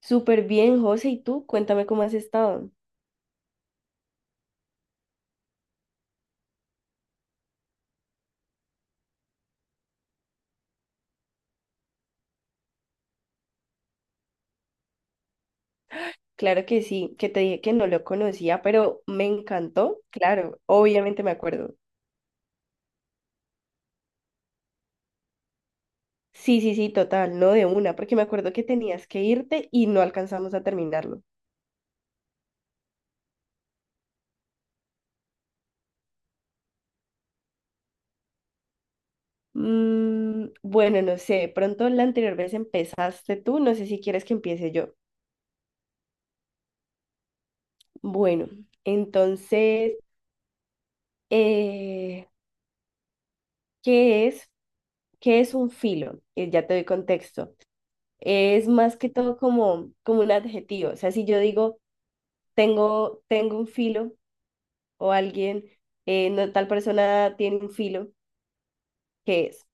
Súper bien, José. ¿Y tú? Cuéntame cómo has estado. Claro que sí, que te dije que no lo conocía, pero me encantó. Claro, obviamente me acuerdo. Sí, sí, sí, total, no de una, porque me acuerdo que tenías que irte y no alcanzamos a terminarlo. Mm, bueno, no sé, de pronto la anterior vez empezaste tú, no sé si quieres que empiece yo. Bueno, entonces, eh, ¿qué es? ¿Qué es un filo? Ya te doy contexto. Es más que todo como, un adjetivo. O sea, si yo digo, tengo un filo o alguien, no, tal persona tiene un filo, ¿qué es?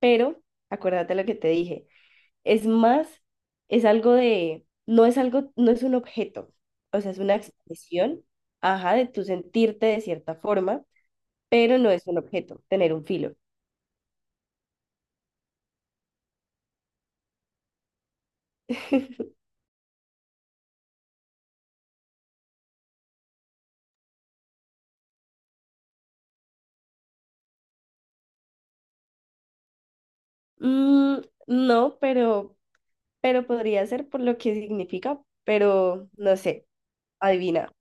Pero, acuérdate lo que te dije, es más, es algo de, no es un objeto, o sea, es una expresión, ajá, de tu sentirte de cierta forma, pero no es un objeto, tener un filo. Mm, no, pero podría ser por lo que significa, pero no sé, adivina.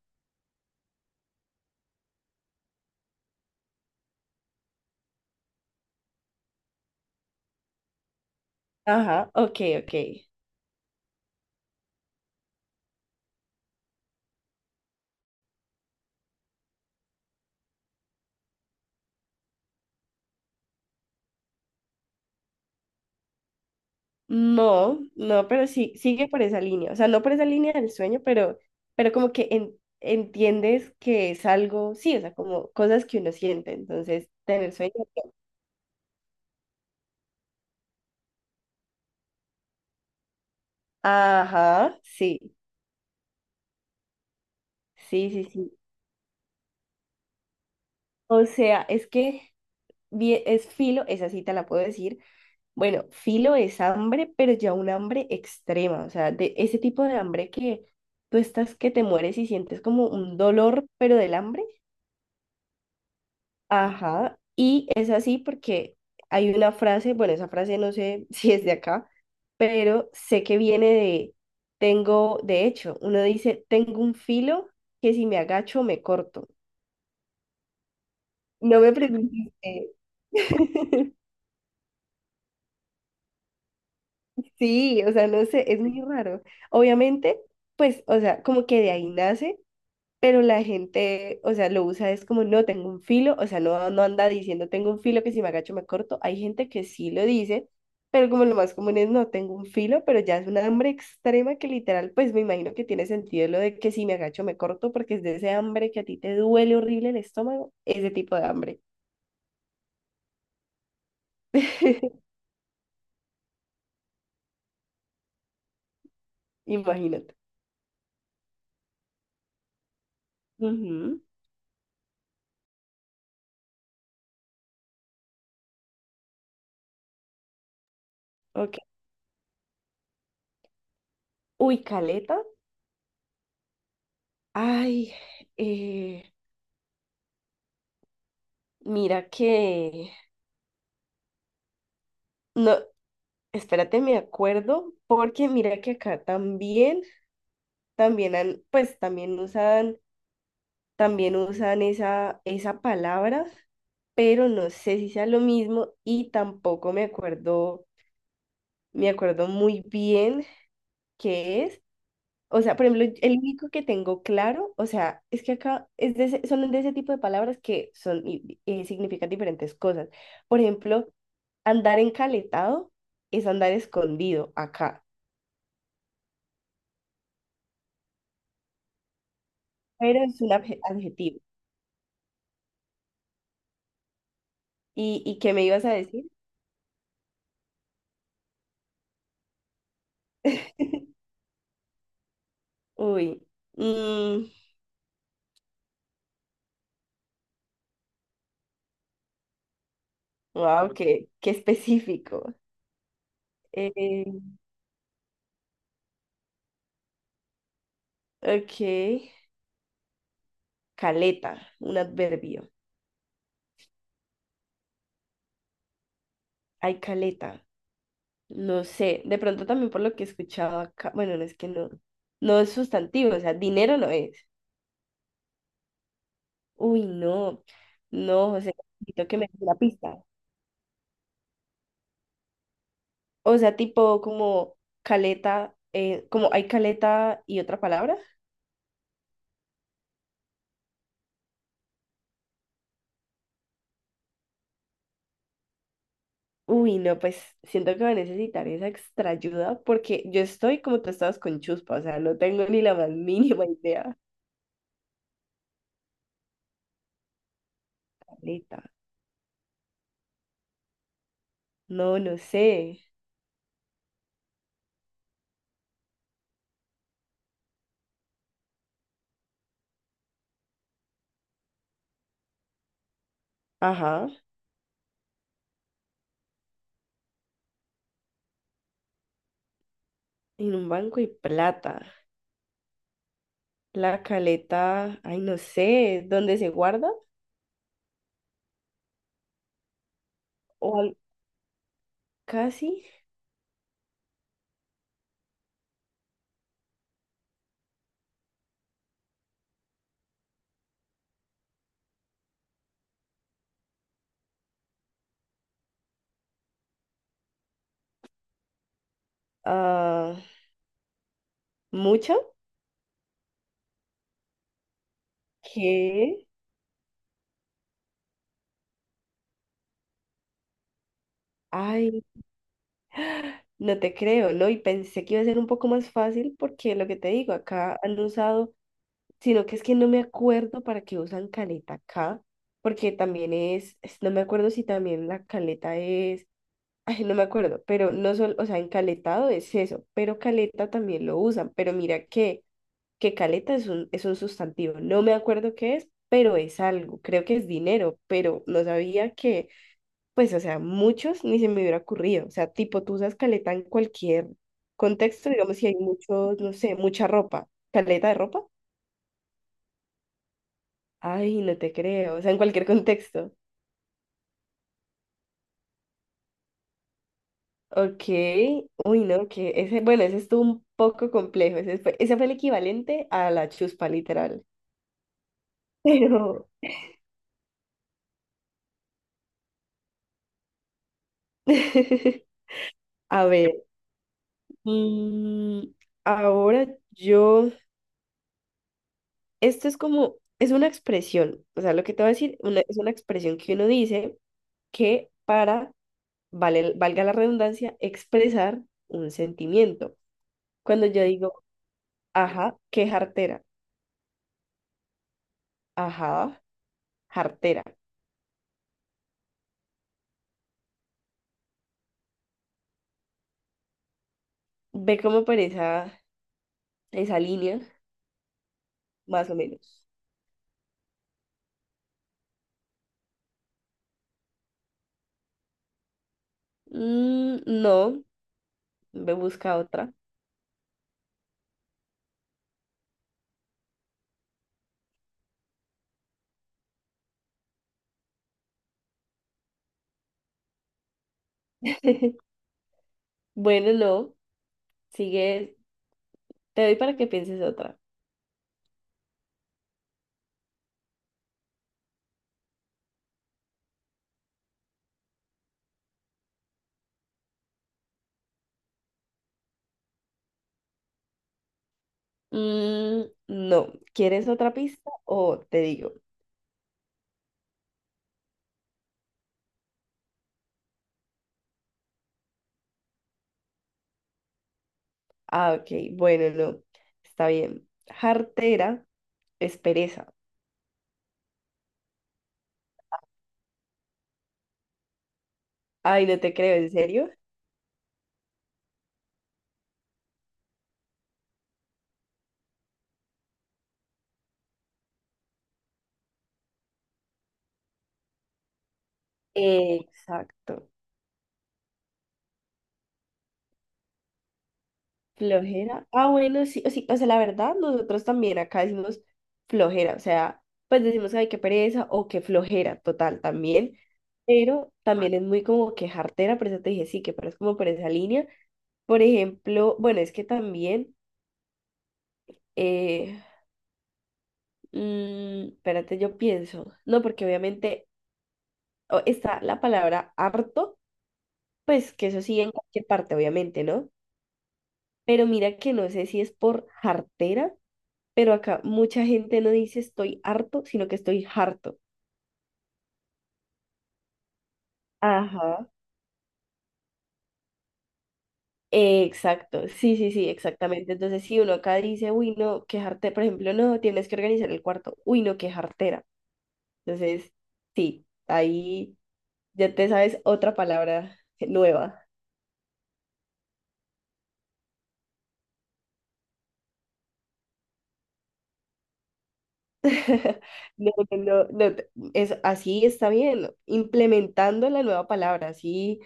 Ajá, ok, ok. No, no, pero sí, sigue por esa línea. O sea, no por esa línea del sueño, pero como que entiendes que es algo, sí, o sea, como cosas que uno siente. Entonces, tener sueño. ¿No? Ajá, sí, sí, sí, sí. O sea, es que es filo, esa sí te la puedo decir. Bueno, filo es hambre, pero ya un hambre extrema. O sea, de ese tipo de hambre que tú estás que te mueres y sientes como un dolor, pero del hambre. Ajá, y es así porque hay una frase, bueno, esa frase no sé si es de acá, pero sé que viene de, de hecho, uno dice, tengo un filo que si me agacho me corto. No me pregunté. Sí, o sea, no sé, es muy raro. Obviamente, pues, o sea, como que de ahí nace. Pero la gente, o sea, lo usa es como, no tengo un filo, o sea, no anda diciendo tengo un filo que si me agacho me corto. Hay gente que sí lo dice, pero como lo más común es no tengo un filo, pero ya es una hambre extrema que literal, pues me imagino que tiene sentido lo de que si me agacho me corto, porque es de ese hambre que a ti te duele horrible el estómago, ese tipo de hambre. Imagínate. Ujú, ok. Uy, caleta. Ay, eh, mira que no, espérate, me acuerdo, porque mira que acá también, pues también usan, esa, esa palabra, pero no sé si sea lo mismo y tampoco me acuerdo, me acuerdo muy bien qué es. O sea, por ejemplo, el único que tengo claro, o sea, es que acá es de son de ese tipo de palabras que son, y significan diferentes cosas. Por ejemplo, andar encaletado es andar escondido acá. Pero es un adjetivo. Y qué me ibas a decir? Uy, wow, qué, qué específico. Eh, ok, caleta, un adverbio. Ay, caleta, no sé, de pronto también por lo que he escuchado acá, bueno, no es sustantivo, o sea, dinero no es. Uy, no, no, José, necesito que me des una pista. O sea, tipo como caleta, como hay caleta y otra palabra. Uy, no, pues siento que va a necesitar esa extra ayuda porque yo estoy como tú estabas con chuspa, o sea, no tengo ni la más mínima idea. Caleta. No, no sé. Ajá, en un banco y plata. La caleta, ay, no sé, ¿dónde se guarda? O al- casi. Ah, ¿mucha? ¿Qué? Ay, no te creo, ¿no? Y pensé que iba a ser un poco más fácil porque lo que te digo, acá han usado sino que es que no me acuerdo para qué usan caleta acá, porque también no me acuerdo si también la caleta es, ay, no me acuerdo, pero no solo, o sea, encaletado es eso, pero caleta también lo usan, pero mira que caleta es es un sustantivo, no me acuerdo qué es, pero es algo, creo que es dinero, pero no sabía que, pues, o sea, muchos ni se me hubiera ocurrido, o sea, tipo, tú usas caleta en cualquier contexto, digamos, si hay muchos, no sé, mucha ropa, caleta de ropa. Ay, no te creo, o sea, en cualquier contexto. Ok, uy, no, que ese, bueno, ese estuvo un poco complejo, ese fue el equivalente a la chuspa, literal. Pero, a ver, mm, ahora yo, esto es como, es una expresión, o sea, lo que te voy a decir es una expresión que uno dice que para, vale, valga la redundancia, expresar un sentimiento. Cuando yo digo, ajá, qué jartera, ajá, jartera. Ve como por esa, esa línea, más o menos. Mm, no, ve busca otra. Bueno, no, sigue, te doy para que pienses otra. Mm, no, ¿quieres otra pista o te digo? Ah, ok, bueno, no, está bien. Jartera es pereza. Ay, no te creo, ¿en serio? Exacto. Flojera. Ah, bueno, sí, o sí, o sea, la verdad, nosotros también acá decimos flojera, o sea, pues decimos, ay, qué pereza o qué flojera, total, también, pero también es muy como que jartera, por eso te dije, sí, que pero es como por esa línea. Por ejemplo, bueno, es que también, eh, mm, espérate, yo pienso, no, porque obviamente está la palabra harto, pues que eso sí en cualquier parte, obviamente, ¿no? Pero mira que no sé si es por jartera pero acá mucha gente no dice estoy harto, sino que estoy harto. Ajá. Exacto, sí, sí, sí, exactamente. Entonces, si uno acá dice, uy, no, qué jartera por ejemplo, no, tienes que organizar el cuarto, uy, no, qué jartera. Entonces, sí, ahí ya te sabes otra palabra nueva. No, no, no, no, es, así está bien, implementando la nueva palabra, así,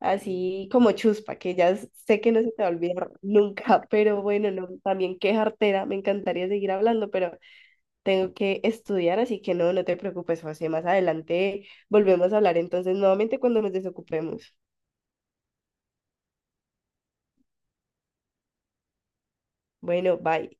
así como chuspa, que ya sé que no se te va a olvidar nunca, pero bueno, no, también qué jartera, me encantaría seguir hablando, pero tengo que estudiar, así que no, no te preocupes, José, más adelante volvemos a hablar entonces nuevamente cuando nos desocupemos. Bueno, bye.